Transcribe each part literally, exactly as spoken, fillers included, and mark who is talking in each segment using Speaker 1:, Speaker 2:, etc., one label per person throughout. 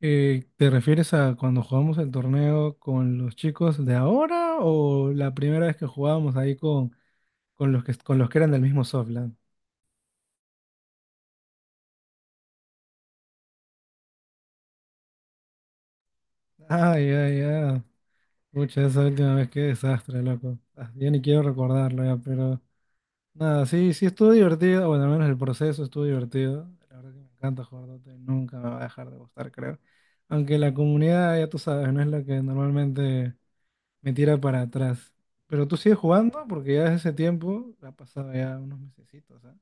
Speaker 1: Eh, ¿te refieres a cuando jugamos el torneo con los chicos de ahora o la primera vez que jugábamos ahí con, con los que, con los que eran del mismo Softland? Ay, ay, ay. Pucha, esa última vez, qué desastre, loco. Ah, Ya ni quiero recordarlo ya, pero nada, sí, sí estuvo divertido. Bueno, al menos el proceso estuvo divertido. La verdad que me encanta jugar Dota y nunca me va a dejar de gustar, creo. Aunque la comunidad, ya tú sabes, no es la que normalmente me tira para atrás. Pero tú sigues jugando porque ya desde ese tiempo ha pasado ya unos mesecitos, ¿ah?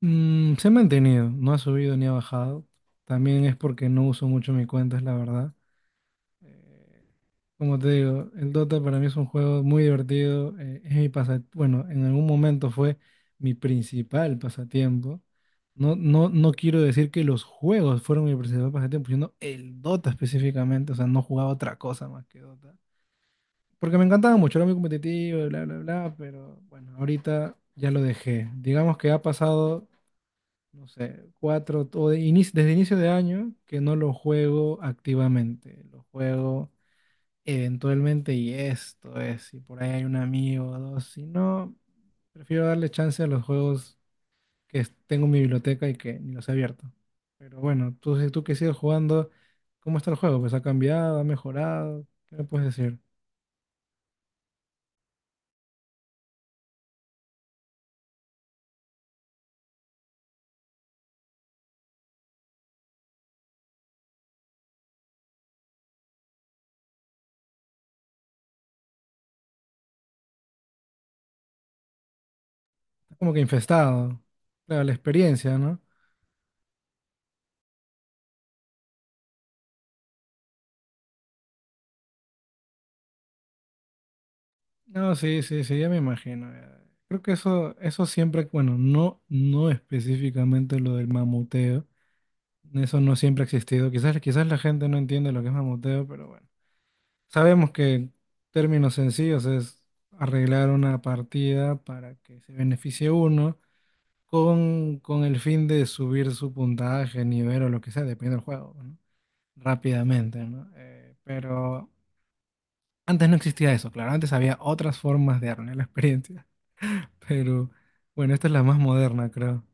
Speaker 1: Mm, se ha mantenido, no ha subido ni ha bajado. También es porque no uso mucho mi cuenta, es la verdad. Eh, Como te digo, el Dota para mí es un juego muy divertido. Eh, es mi pasa, bueno, en algún momento fue mi principal pasatiempo. No, no, no quiero decir que los juegos fueron mi principal pasatiempo, sino el Dota específicamente. O sea, no jugaba otra cosa más que Dota. Porque me encantaba mucho, era muy competitivo, y bla, bla, bla, pero bueno, ahorita ya lo dejé. Digamos que ha pasado, no sé, cuatro, o de inicio- desde inicio de año que no lo juego activamente, lo juego eventualmente y esto es, si por ahí hay un amigo o dos, si no, prefiero darle chance a los juegos que es- tengo en mi biblioteca y que ni los he abierto. Pero bueno, tú, si tú que sigues jugando, ¿cómo está el juego? Pues ha cambiado, ha mejorado, ¿qué me puedes decir? Como que infestado. Claro, la experiencia, ¿no? No, sí, sí, sí, ya me imagino, ya. Creo que eso, eso siempre, bueno, no, no específicamente lo del mamuteo. Eso no siempre ha existido. Quizás, quizás la gente no entiende lo que es mamuteo, pero bueno. Sabemos que términos sencillos es arreglar una partida para que se beneficie uno con, con el fin de subir su puntaje, nivel o lo que sea, depende del juego, ¿no? Rápidamente, ¿no? Eh, pero antes no existía eso, claro, antes había otras formas de arruinar la experiencia, pero bueno, esta es la más moderna, creo,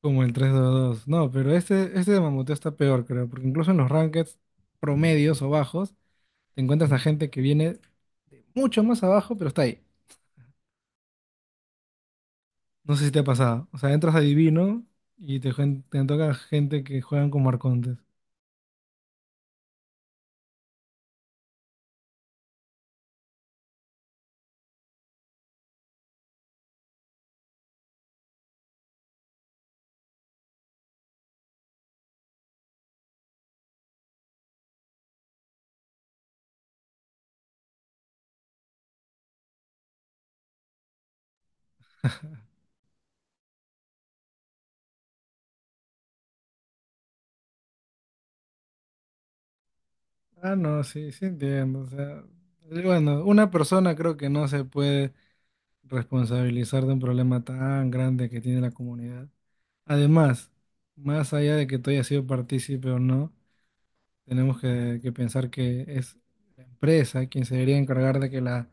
Speaker 1: como el tres dos dos. No, pero este, este de mamuteo está peor, creo, porque incluso en los rankings promedios o bajos, te encuentras a gente que viene mucho más abajo, pero está ahí. No sé si te ha pasado. O sea, entras a Divino y te, juen- te toca gente que juegan como arcontes. Ah, no, sí, sí entiendo. O sea, bueno, una persona creo que no se puede responsabilizar de un problema tan grande que tiene la comunidad. Además, más allá de que tú hayas sido partícipe o no, tenemos que, que pensar que es la empresa quien se debería encargar de que la,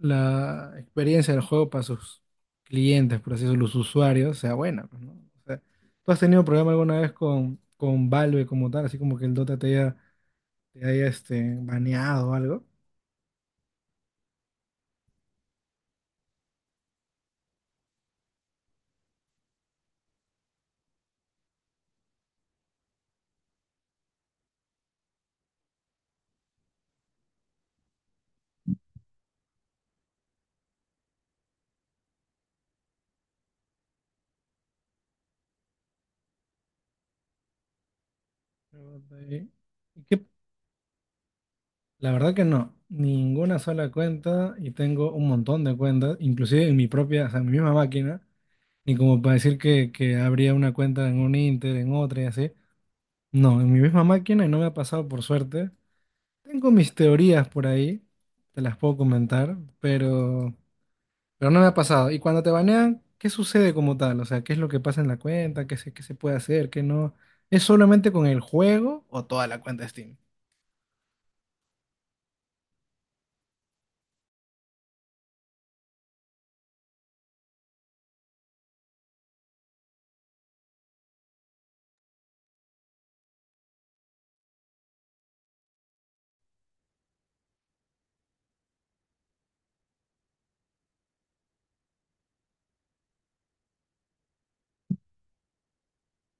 Speaker 1: la experiencia del juego para sus clientes, por así decirlo, los usuarios, sea buena, pues, ¿no? O sea, ¿tú has tenido problema alguna vez con, con Valve como tal, así como que el Dota te haya, te haya este, baneado o algo? Pero, de ahí, ¿y qué, la verdad que no, ninguna sola cuenta y tengo un montón de cuentas, inclusive en mi propia, o sea, en mi misma máquina, ni como para decir que, que habría una cuenta en un Inter, en otra y así. No, en mi misma máquina y no me ha pasado por suerte. Tengo mis teorías por ahí, te las puedo comentar, pero, pero no me ha pasado. Y cuando te banean, ¿qué sucede como tal? O sea, ¿qué es lo que pasa en la cuenta? ¿Qué se, qué se puede hacer? ¿Qué no? ¿Es solamente con el juego o toda la cuenta de Steam?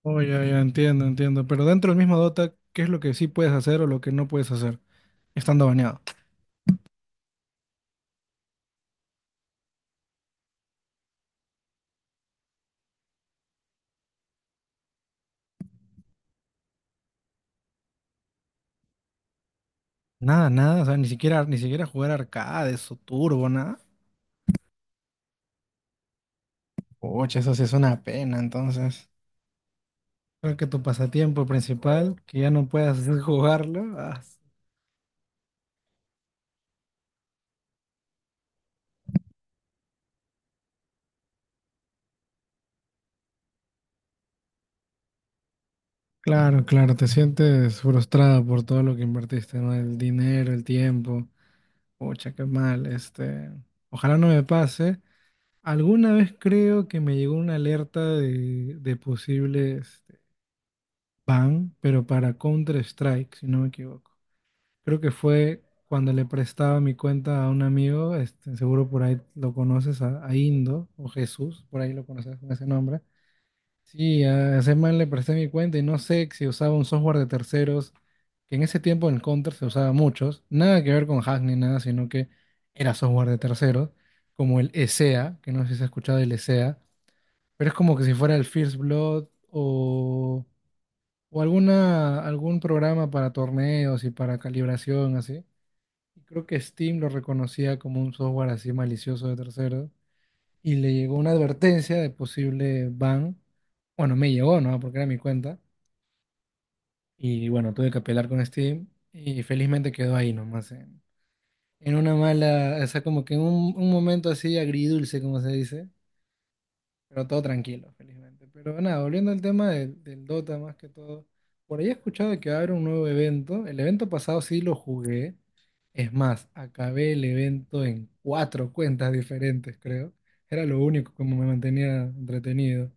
Speaker 1: Oh, ya, ya, entiendo, entiendo. Pero dentro del mismo Dota, ¿qué es lo que sí puedes hacer o lo que no puedes hacer estando baneado? Nada, nada, o sea, ni siquiera, ni siquiera jugar arcades o turbo, nada. Oye, eso sí es una pena, entonces. Creo que tu pasatiempo principal, que ya no puedas hacer jugarlo. ah, s- Claro, claro, te sientes frustrado por todo lo que invertiste, ¿no? El dinero, el tiempo. Pucha, qué mal, este. Ojalá no me pase. Alguna vez creo que me llegó una alerta de, de posibles ban, pero para Counter-Strike, si no me equivoco. Creo que fue cuando le prestaba mi cuenta a un amigo, este, seguro por ahí lo conoces, a, a Indo o Jesús, por ahí lo conoces con ese nombre. Sí, a ese man le presté mi cuenta y no sé si usaba un software de terceros, que en ese tiempo en Counter se usaba muchos, nada que ver con hack ni nada, sino que era software de terceros, como el E S E A, que no sé si has escuchado el E S E A, pero es como que si fuera el First Blood o o alguna, algún programa para torneos y para calibración, así. Y creo que Steam lo reconocía como un software así malicioso de terceros y le llegó una advertencia de posible ban. Bueno, me llegó, ¿no? Porque era mi cuenta. Y bueno, tuve que apelar con Steam y felizmente quedó ahí nomás, en, en una mala, o sea, como que en un, un momento así agridulce, como se dice, pero todo tranquilo, felizmente. Pero nada, volviendo al tema del, del Dota más que todo. Por ahí he escuchado de que va a haber un nuevo evento. El evento pasado sí lo jugué. Es más, acabé el evento en cuatro cuentas diferentes, creo. Era lo único como me mantenía entretenido.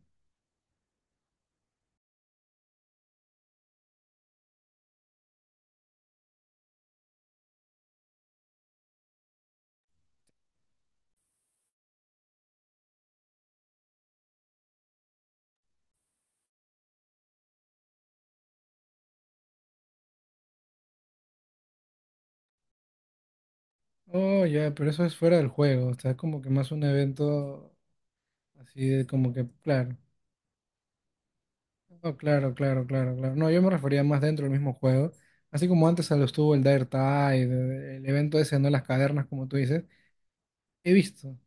Speaker 1: Oh, ya, pero eso es fuera del juego. O sea, es como que más un evento así de como que, claro. Oh, claro, claro, claro, claro. No, yo me refería más dentro del mismo juego. Así como antes se lo estuvo el Dire Tide, el evento ese, ¿no? Las cavernas, como tú dices. He visto,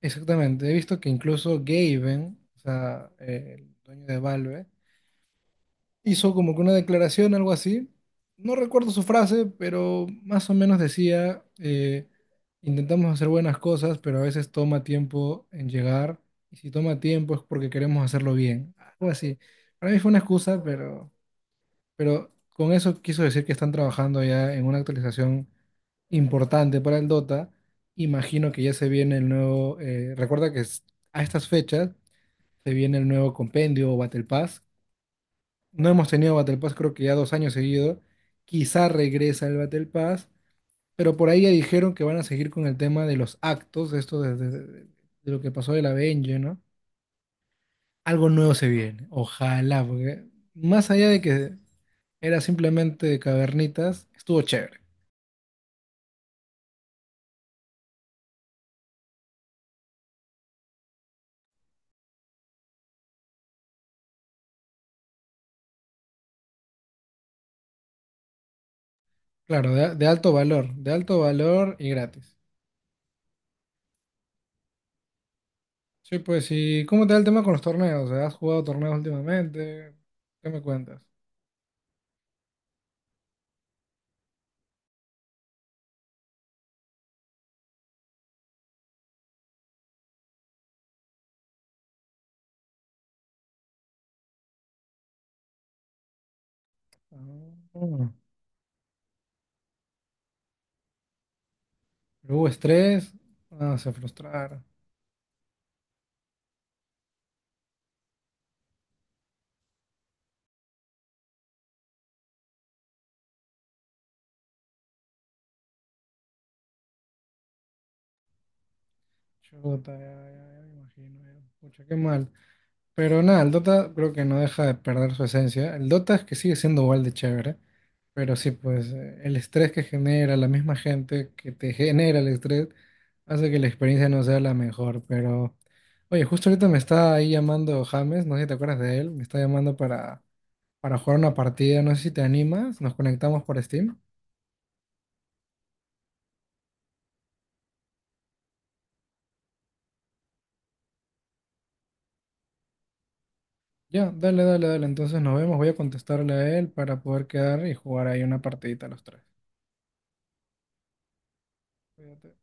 Speaker 1: exactamente, he visto que incluso Gaben, o sea, eh, el dueño de Valve, hizo como que una declaración, algo así. No recuerdo su frase, pero más o menos decía, eh, intentamos hacer buenas cosas, pero a veces toma tiempo en llegar, y si toma tiempo es porque queremos hacerlo bien, algo así. Para mí fue una excusa, pero... Pero con eso quiso decir que están trabajando ya en una actualización importante para el Dota. Imagino que ya se viene el nuevo. Eh, recuerda que es- a estas fechas se viene el nuevo compendio o Battle Pass. No hemos tenido Battle Pass, creo que ya dos años seguidos. Quizá regresa el Battle Pass, pero por ahí ya dijeron que van a seguir con el tema de los actos, esto de, de- de- de lo que pasó de la Benji, ¿no? Algo nuevo se viene, ojalá, porque más allá de que era simplemente cavernitas, estuvo chévere. Claro, de, de alto valor, de alto valor y gratis. Sí, pues, ¿y cómo te va el tema con los torneos? ¿Has jugado torneos últimamente? ¿Qué me cuentas? Ah, pero hubo estrés, ah, se frustraron. Chuta, ya, ya, ya me imagino, ya. Pucha, qué mal. Pero nada, el Dota creo que no deja de perder su esencia. El Dota es que sigue siendo igual de chévere, pero sí, pues eh, el estrés que genera la misma gente que te genera el estrés hace que la experiencia no sea la mejor. Pero, oye, justo ahorita me está ahí llamando James, no sé si te acuerdas de él, me está llamando para, para jugar una partida, no sé si te animas, nos conectamos por Steam. Ya, dale, dale, dale, entonces nos vemos, voy a contestarle a él para poder quedar y jugar ahí una partidita los tres. Cuídate.